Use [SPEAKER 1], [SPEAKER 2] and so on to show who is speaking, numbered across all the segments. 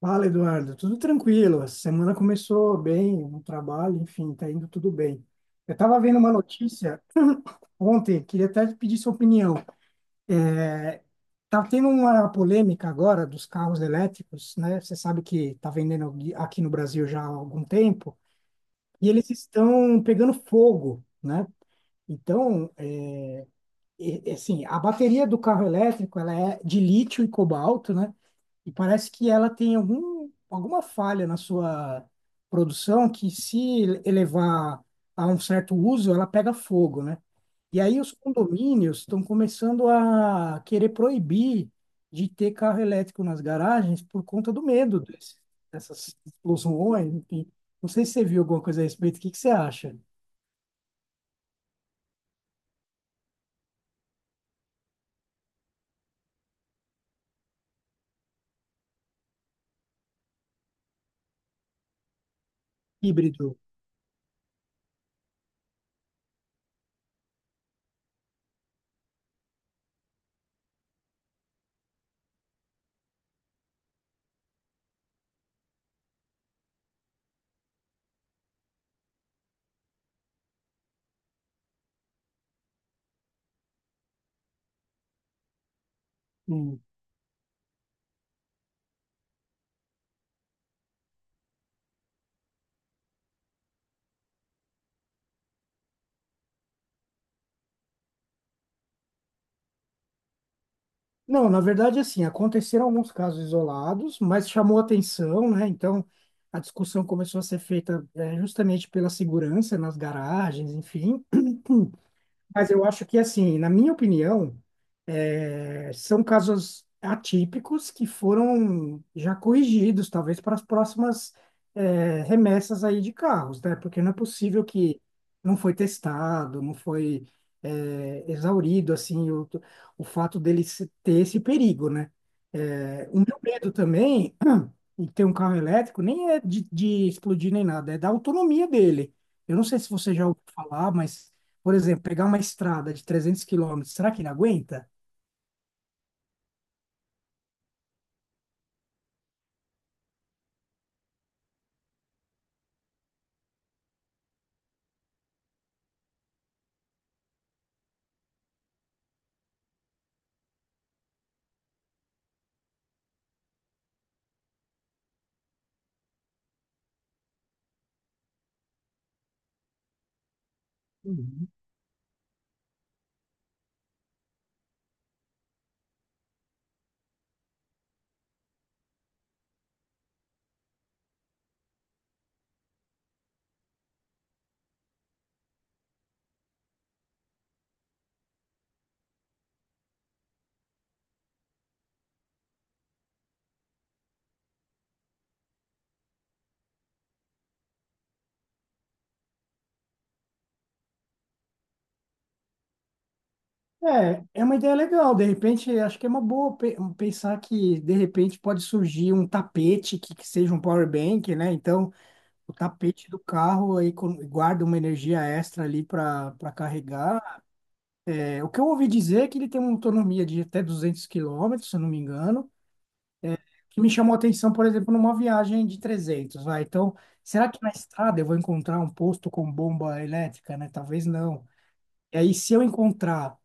[SPEAKER 1] Fala, Eduardo. Tudo tranquilo. A semana começou bem, no trabalho, enfim, tá indo tudo bem. Eu estava vendo uma notícia ontem, queria até te pedir sua opinião. É, tá tendo uma polêmica agora dos carros elétricos, né? Você sabe que tá vendendo aqui no Brasil já há algum tempo, e eles estão pegando fogo, né? Então, assim, a bateria do carro elétrico, ela é de lítio e cobalto, né? E parece que ela tem alguma falha na sua produção que, se elevar a um certo uso, ela pega fogo, né? E aí os condomínios estão começando a querer proibir de ter carro elétrico nas garagens por conta do medo dessas explosões. Enfim. Não sei se você viu alguma coisa a respeito. O que que você acha? Híbrido. Não, na verdade, assim, aconteceram alguns casos isolados, mas chamou atenção, né? Então, a discussão começou a ser feita, justamente pela segurança nas garagens, enfim. Mas eu acho que, assim, na minha opinião, são casos atípicos que foram já corrigidos, talvez para as próximas, remessas aí de carros, né? Porque não é possível que não foi testado, não foi, exaurido, assim, o fato dele ter esse perigo, né? O meu medo também e ter um carro elétrico nem é de explodir nem nada, é da autonomia dele. Eu não sei se você já ouviu falar, mas, por exemplo, pegar uma estrada de 300 quilômetros, será que não aguenta? Uhum. É, é uma ideia legal. De repente, acho que é uma boa pensar que, de repente, pode surgir um tapete que seja um power bank, né? Então, o tapete do carro aí guarda uma energia extra ali para carregar. É, o que eu ouvi dizer é que ele tem uma autonomia de até 200 quilômetros, se eu não me engano, que me chamou a atenção, por exemplo, numa viagem de 300, vai. Então, será que na estrada eu vou encontrar um posto com bomba elétrica, né? Talvez não. E aí, se eu encontrar,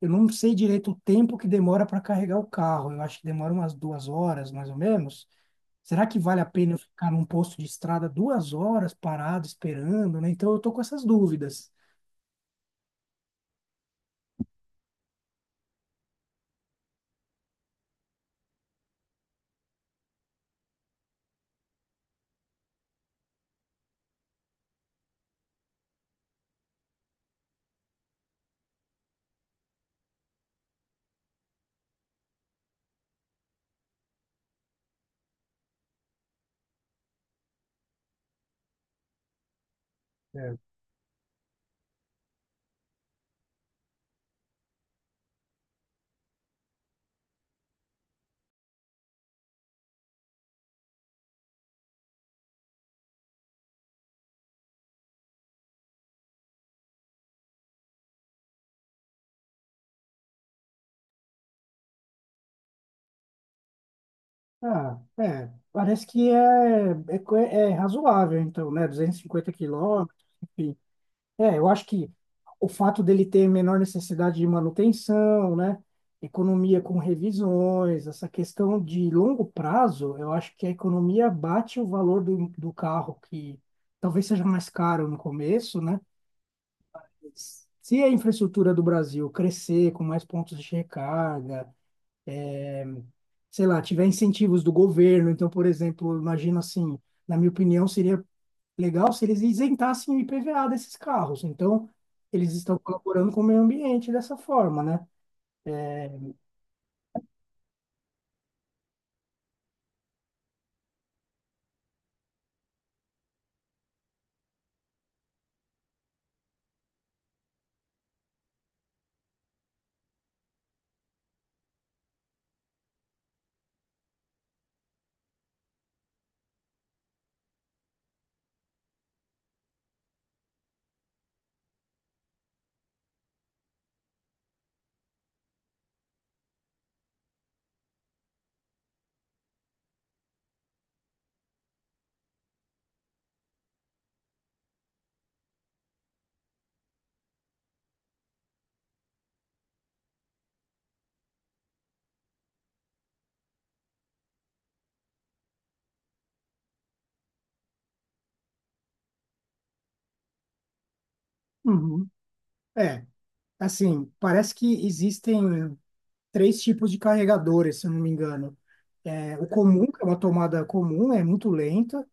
[SPEAKER 1] eu não sei direito o tempo que demora para carregar o carro. Eu acho que demora umas 2 horas, mais ou menos. Será que vale a pena eu ficar num posto de estrada 2 horas parado, esperando, né? Então, eu tô com essas dúvidas. Ah, é, parece que é razoável, então, né? 250 quilômetros, enfim. É, eu acho que o fato dele ter menor necessidade de manutenção, né? Economia com revisões, essa questão de longo prazo, eu acho que a economia bate o valor do carro, que talvez seja mais caro no começo, né? Se a infraestrutura do Brasil crescer com mais pontos de recarga, é, sei lá, tiver incentivos do governo. Então, por exemplo, eu imagino assim, na minha opinião, seria legal se eles isentassem o IPVA desses carros. Então, eles estão colaborando com o meio ambiente dessa forma, né? Uhum. É, assim, parece que existem três tipos de carregadores, se eu não me engano. É, o comum, que é uma tomada comum, é muito lenta.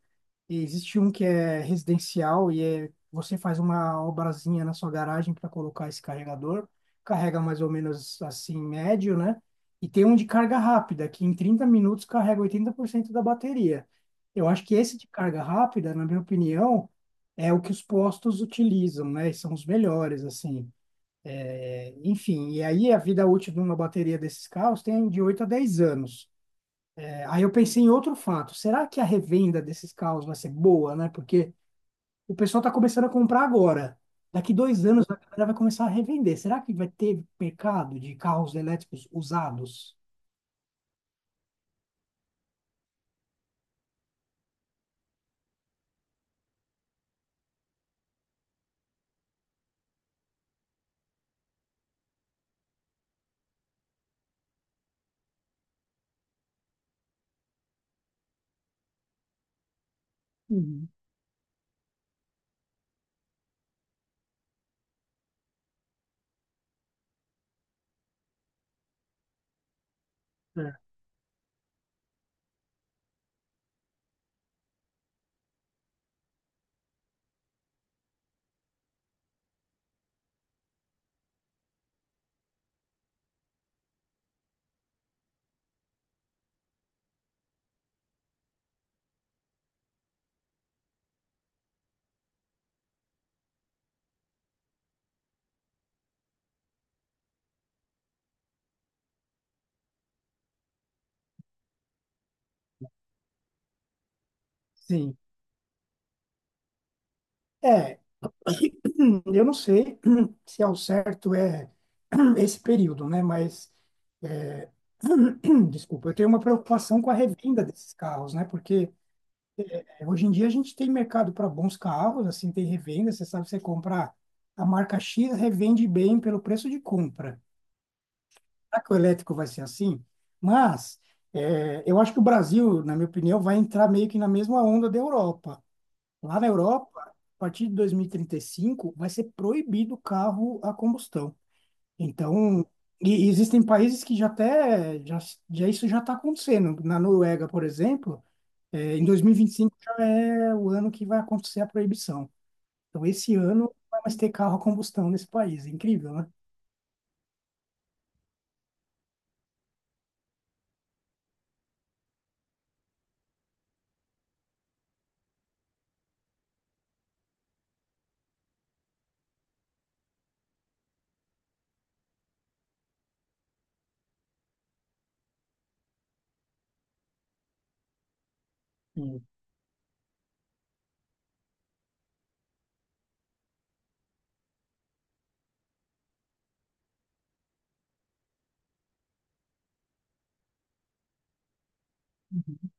[SPEAKER 1] E existe um que é residencial e é, você faz uma obrazinha na sua garagem para colocar esse carregador, carrega mais ou menos assim, médio, né? E tem um de carga rápida, que em 30 minutos carrega 80% da bateria. Eu acho que esse de carga rápida, na minha opinião, é o que os postos utilizam, né? E são os melhores, assim. É, enfim, e aí a vida útil de uma bateria desses carros tem de 8 a 10 anos. É, aí eu pensei em outro fato. Será que a revenda desses carros vai ser boa, né? Porque o pessoal está começando a comprar agora. Daqui 2 anos a galera vai começar a revender. Será que vai ter mercado de carros elétricos usados? Uhum. É. Sim. É, eu não sei se ao certo é esse período, né? Mas, desculpa, eu tenho uma preocupação com a revenda desses carros, né? Porque hoje em dia a gente tem mercado para bons carros, assim, tem revenda, você sabe, você comprar a marca X, revende bem pelo preço de compra. Será que o elétrico vai ser assim? Mas é, eu acho que o Brasil, na minha opinião, vai entrar meio que na mesma onda da Europa. Lá na Europa, a partir de dois mil e trinta e cinco, vai ser proibido o carro a combustão. Então, e existem países que já isso já está acontecendo. Na Noruega, por exemplo, é, em 2025 já é o ano que vai acontecer a proibição. Então, esse ano não vai mais ter carro a combustão nesse país. É incrível, né? Sim. Uhum.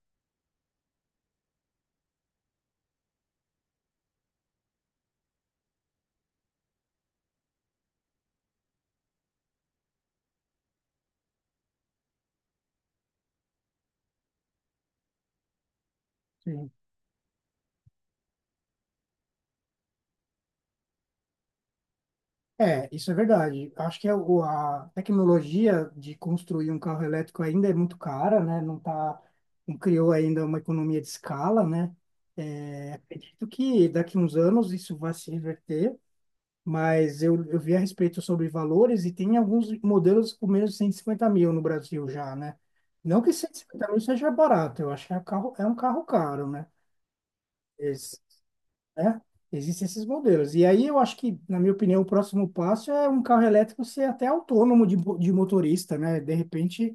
[SPEAKER 1] Sim. É, isso é verdade. Acho que é a tecnologia de construir um carro elétrico ainda é muito cara, né? Não tá, não criou ainda uma economia de escala, né? É, acredito que daqui uns anos isso vai se reverter, mas eu vi a respeito sobre valores e tem alguns modelos com menos de 150 mil no Brasil já, né? Não que 150 mil seja barato, eu acho que é um carro caro, né? Né? Existem esses modelos. E aí eu acho que, na minha opinião, o próximo passo é um carro elétrico ser até autônomo de motorista, né? De repente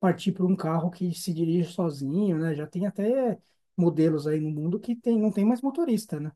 [SPEAKER 1] partir para um carro que se dirige sozinho, né? Já tem até modelos aí no mundo que tem, não tem mais motorista, né?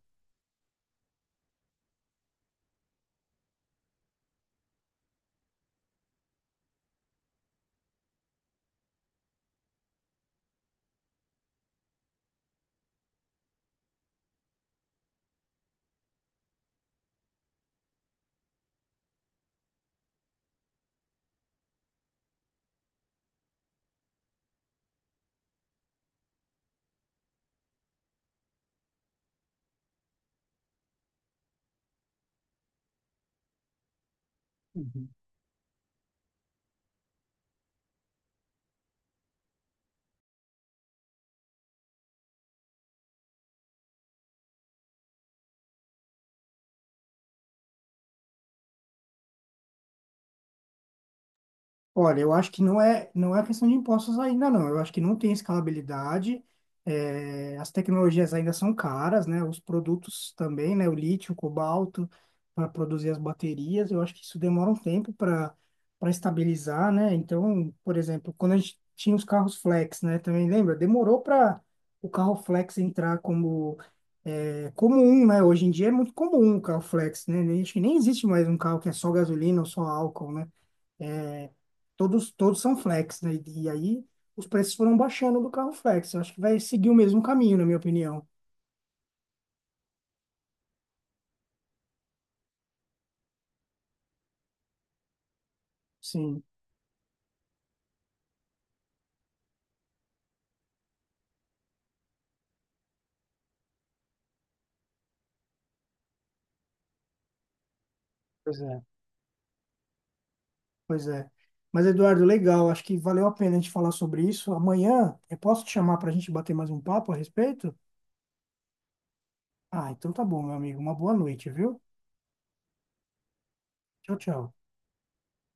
[SPEAKER 1] Olha, eu acho que não é questão de impostos ainda, não. Eu acho que não tem escalabilidade. As tecnologias ainda são caras, né? Os produtos também, né? O lítio, o cobalto, para produzir as baterias. Eu acho que isso demora um tempo para estabilizar, né? Então, por exemplo, quando a gente tinha os carros flex, né? Também lembra? Demorou para o carro flex entrar como comum, né? Hoje em dia é muito comum o carro flex, né? Acho que nem existe mais um carro que é só gasolina ou só álcool, né? É, todos são flex, né? E aí os preços foram baixando do carro flex. Eu acho que vai seguir o mesmo caminho, na minha opinião. Sim. Pois é. Pois é. Mas, Eduardo, legal. Acho que valeu a pena a gente falar sobre isso. Amanhã eu posso te chamar para a gente bater mais um papo a respeito? Ah, então tá bom, meu amigo. Uma boa noite, viu? Tchau, tchau.